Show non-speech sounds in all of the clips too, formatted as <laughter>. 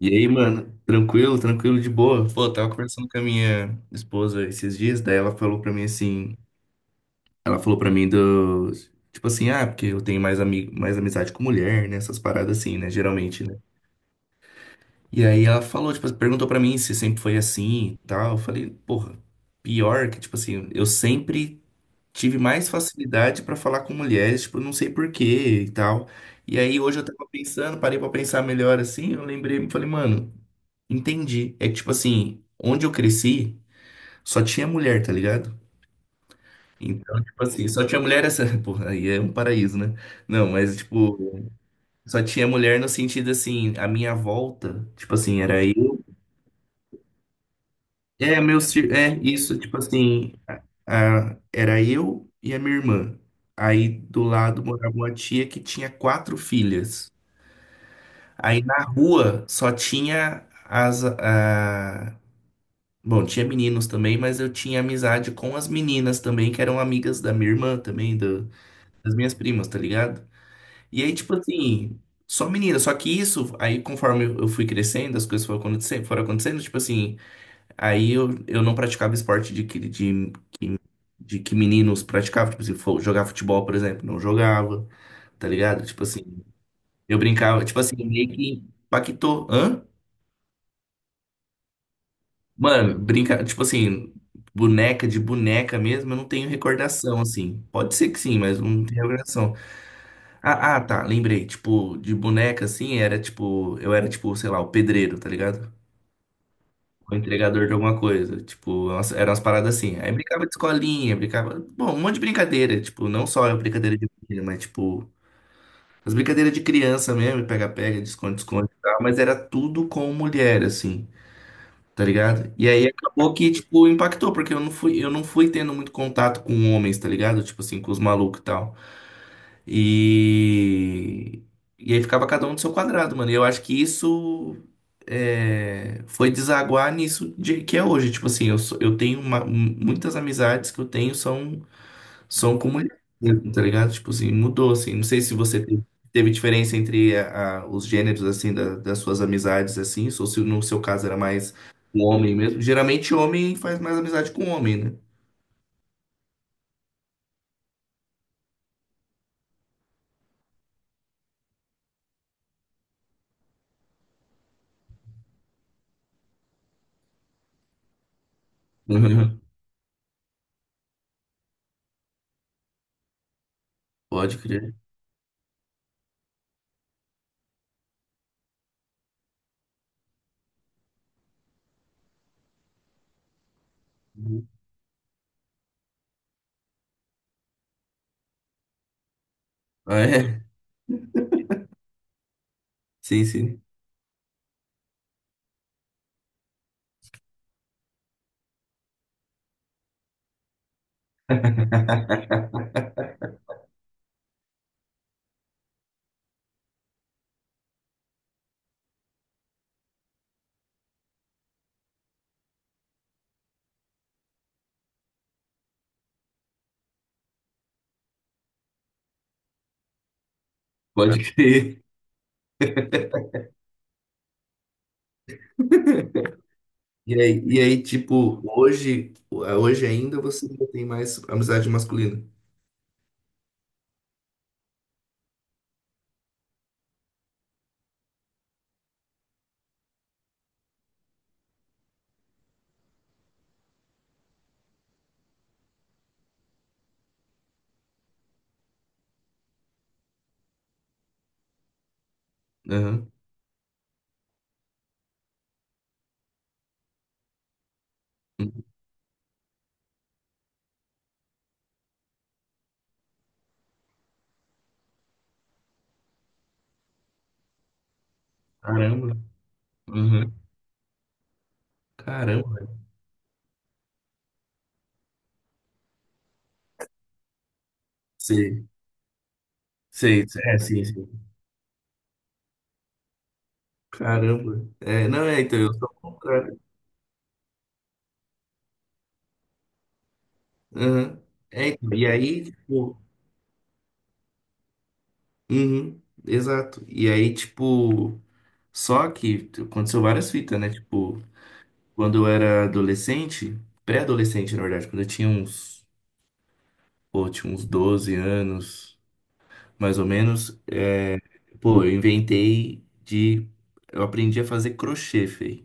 E aí, mano, tranquilo, tranquilo, de boa. Pô, eu tava conversando com a minha esposa esses dias, daí ela falou pra mim assim, ela falou pra mim do, tipo assim, ah, porque eu tenho mais amigo, mais amizade com mulher, né, essas paradas assim, né, geralmente, né. E aí ela falou, tipo, perguntou pra mim se sempre foi assim e tal. Eu falei, porra, pior que, tipo assim, eu sempre tive mais facilidade pra falar com mulheres, tipo, não sei por quê e tal. E aí hoje eu tava pensando, parei pra pensar melhor assim, eu lembrei, falei, mano, entendi. É que, tipo assim, onde eu cresci, só tinha mulher, tá ligado? Então, tipo assim, só tinha mulher essa. <laughs> Porra, aí é um paraíso, né? Não, mas, tipo, só tinha mulher no sentido assim, a minha volta, tipo assim, era eu. É, meus. É, isso, tipo assim, era eu e a minha irmã. Aí do lado morava uma tia que tinha quatro filhas. Aí na rua só tinha bom, tinha meninos também, mas eu tinha amizade com as meninas também, que eram amigas da minha irmã também, das minhas primas, tá ligado? E aí, tipo assim, só menina, só que isso, aí conforme eu fui crescendo, as coisas foram acontecendo, tipo assim, aí eu não praticava esporte de de que meninos praticavam, tipo assim, jogar futebol, por exemplo, não jogava, tá ligado? Tipo assim, eu brincava, tipo assim, meio que impactou, hã? Mano, brinca, tipo assim, boneca mesmo, eu não tenho recordação, assim. Pode ser que sim, mas não tenho recordação. Ah, ah, tá, lembrei. Tipo, de boneca, assim, era tipo, eu era tipo, sei lá, o pedreiro, tá ligado? O entregador de alguma coisa. Tipo, eram umas paradas assim. Aí brincava de escolinha, brincava. Bom, um monte de brincadeira. Tipo, não só a brincadeira de menina, mas tipo, as brincadeiras de criança mesmo, pega-pega, de esconde-esconde e tal. Mas era tudo com mulher, assim. Tá ligado? E aí acabou que, tipo, impactou, porque eu não fui tendo muito contato com homens, tá ligado? Tipo assim, com os malucos e tal. E. E aí ficava cada um no seu quadrado, mano. E eu acho que isso foi desaguar que é hoje. Tipo assim, eu tenho muitas amizades que eu tenho são são comunicantes, tá ligado? Tipo assim, mudou, assim. Não sei se você teve, teve diferença entre os gêneros, assim, das suas amizades, assim, ou se no seu caso era mais um homem mesmo. Geralmente homem faz mais amizade com homem, né? Uhum. <laughs> Pode crer. Uhum. Ah, é? Sim, sim. Pode crer. E aí, tipo, hoje, hoje ainda você ainda tem mais amizade masculina. Aham. Caramba. Uhum. Caramba. Sei, sei, é, sim, sim. Caramba. É, não, é, então, eu sou contra. Aham. É, então, e aí, tipo, uhum, exato. E aí, tipo, só que aconteceu várias fitas, né? Tipo, quando eu era adolescente, pré-adolescente, na verdade, quando eu tinha uns, pô, tinha uns 12 anos, mais ou menos, pô, eu inventei de, eu aprendi a fazer crochê, fei.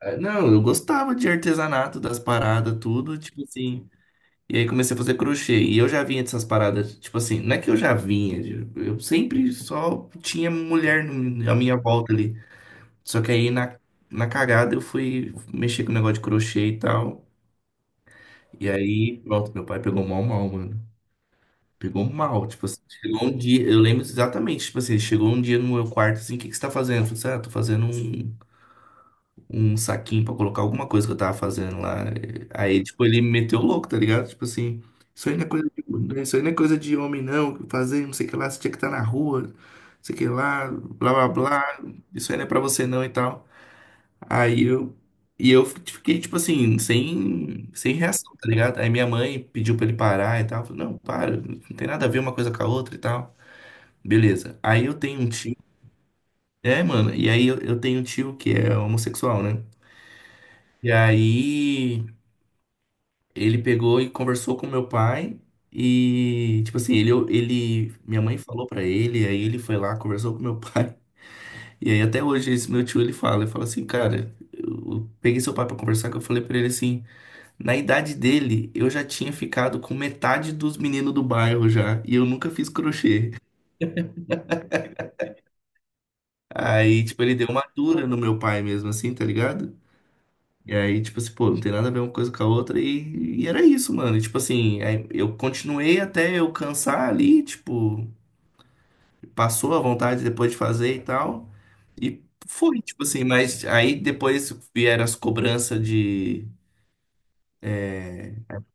Ah, não, eu gostava de artesanato, das paradas, tudo, tipo assim. E aí comecei a fazer crochê. E eu já vinha dessas paradas. Tipo assim, não é que eu já vinha. Eu sempre só tinha mulher à minha volta ali. Só que aí na cagada eu fui mexer com o negócio de crochê e tal. E aí, pronto, meu pai pegou mal, mal, mano. Pegou mal. Tipo assim, chegou um dia. Eu lembro exatamente. Tipo assim, chegou um dia no meu quarto assim: o que que você tá fazendo? Eu falei assim: ah, tô fazendo um. Um saquinho pra colocar alguma coisa que eu tava fazendo lá. Aí, tipo, ele me meteu louco, tá ligado? Tipo assim, isso aí não é coisa de homem, não. Fazer não sei o que lá, você tinha que estar na rua, não sei o que lá, blá blá blá. Isso aí não é pra você não e tal. Aí eu. E eu fiquei, tipo assim, sem reação, tá ligado? Aí minha mãe pediu pra ele parar e tal. Eu falei, não, para, não tem nada a ver uma coisa com a outra e tal. Beleza. Aí eu tenho um tio. É, mano, e aí eu tenho um tio que é homossexual, né? E aí ele pegou e conversou com meu pai e, tipo assim, minha mãe falou pra ele, aí ele foi lá, conversou com meu pai. <laughs> E aí até hoje esse meu tio ele fala assim, cara, eu peguei seu pai pra conversar, que eu falei pra ele assim, na idade dele eu já tinha ficado com metade dos meninos do bairro já, e eu nunca fiz crochê. Aí, tipo, ele deu uma dura no meu pai mesmo assim, tá ligado? E aí, tipo assim, pô, não tem nada a ver uma coisa com a outra. E era isso, mano. E, tipo assim, aí eu continuei até eu cansar ali, tipo, passou a vontade depois de fazer e tal. E foi, tipo assim, mas aí depois vieram as cobranças de.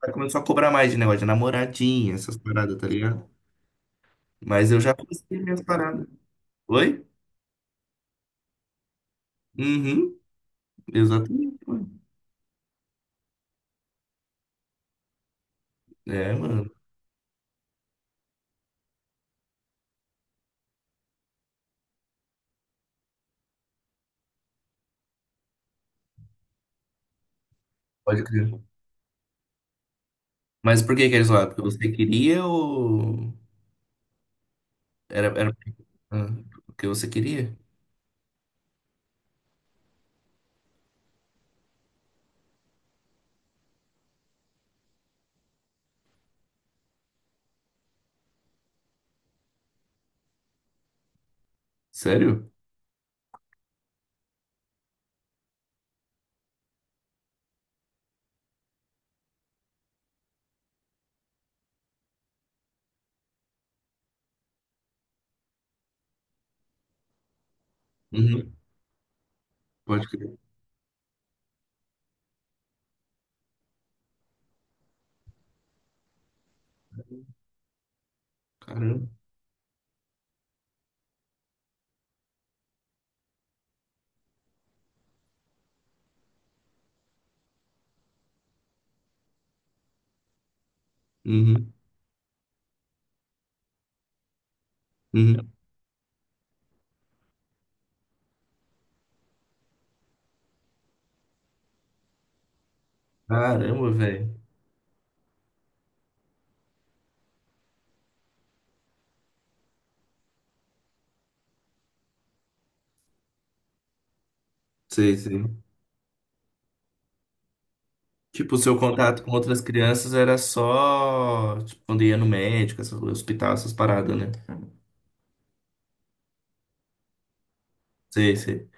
Aí começou a cobrar mais de negócio de namoradinha, essas paradas, tá ligado? Mas eu já consegui minhas paradas. Oi? Uhum, exatamente, mano. É, mano, pode crer. Mas por que que eles lá? Porque você queria ou. Era, era ah, o que você queria? Sério? Uhum. Pode crer. Caramba. Uhum. Uhum. Caramba, velho. Sei, sei. Tipo, o seu contato com outras crianças era só, tipo, quando ia no médico, hospital, essas paradas, né? Sei, sei.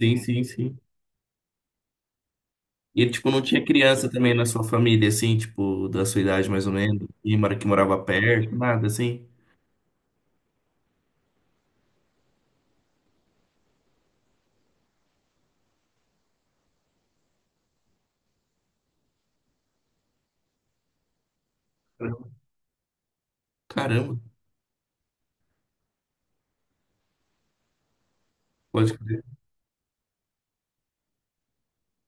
Sim, sim, sim. E, tipo, não tinha criança também na sua família, assim, tipo, da sua idade mais ou menos, e que morava perto, nada, assim? Caramba, pode crer.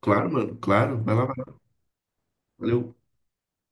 Claro, mano, claro. Vai lá, vai lá. Valeu.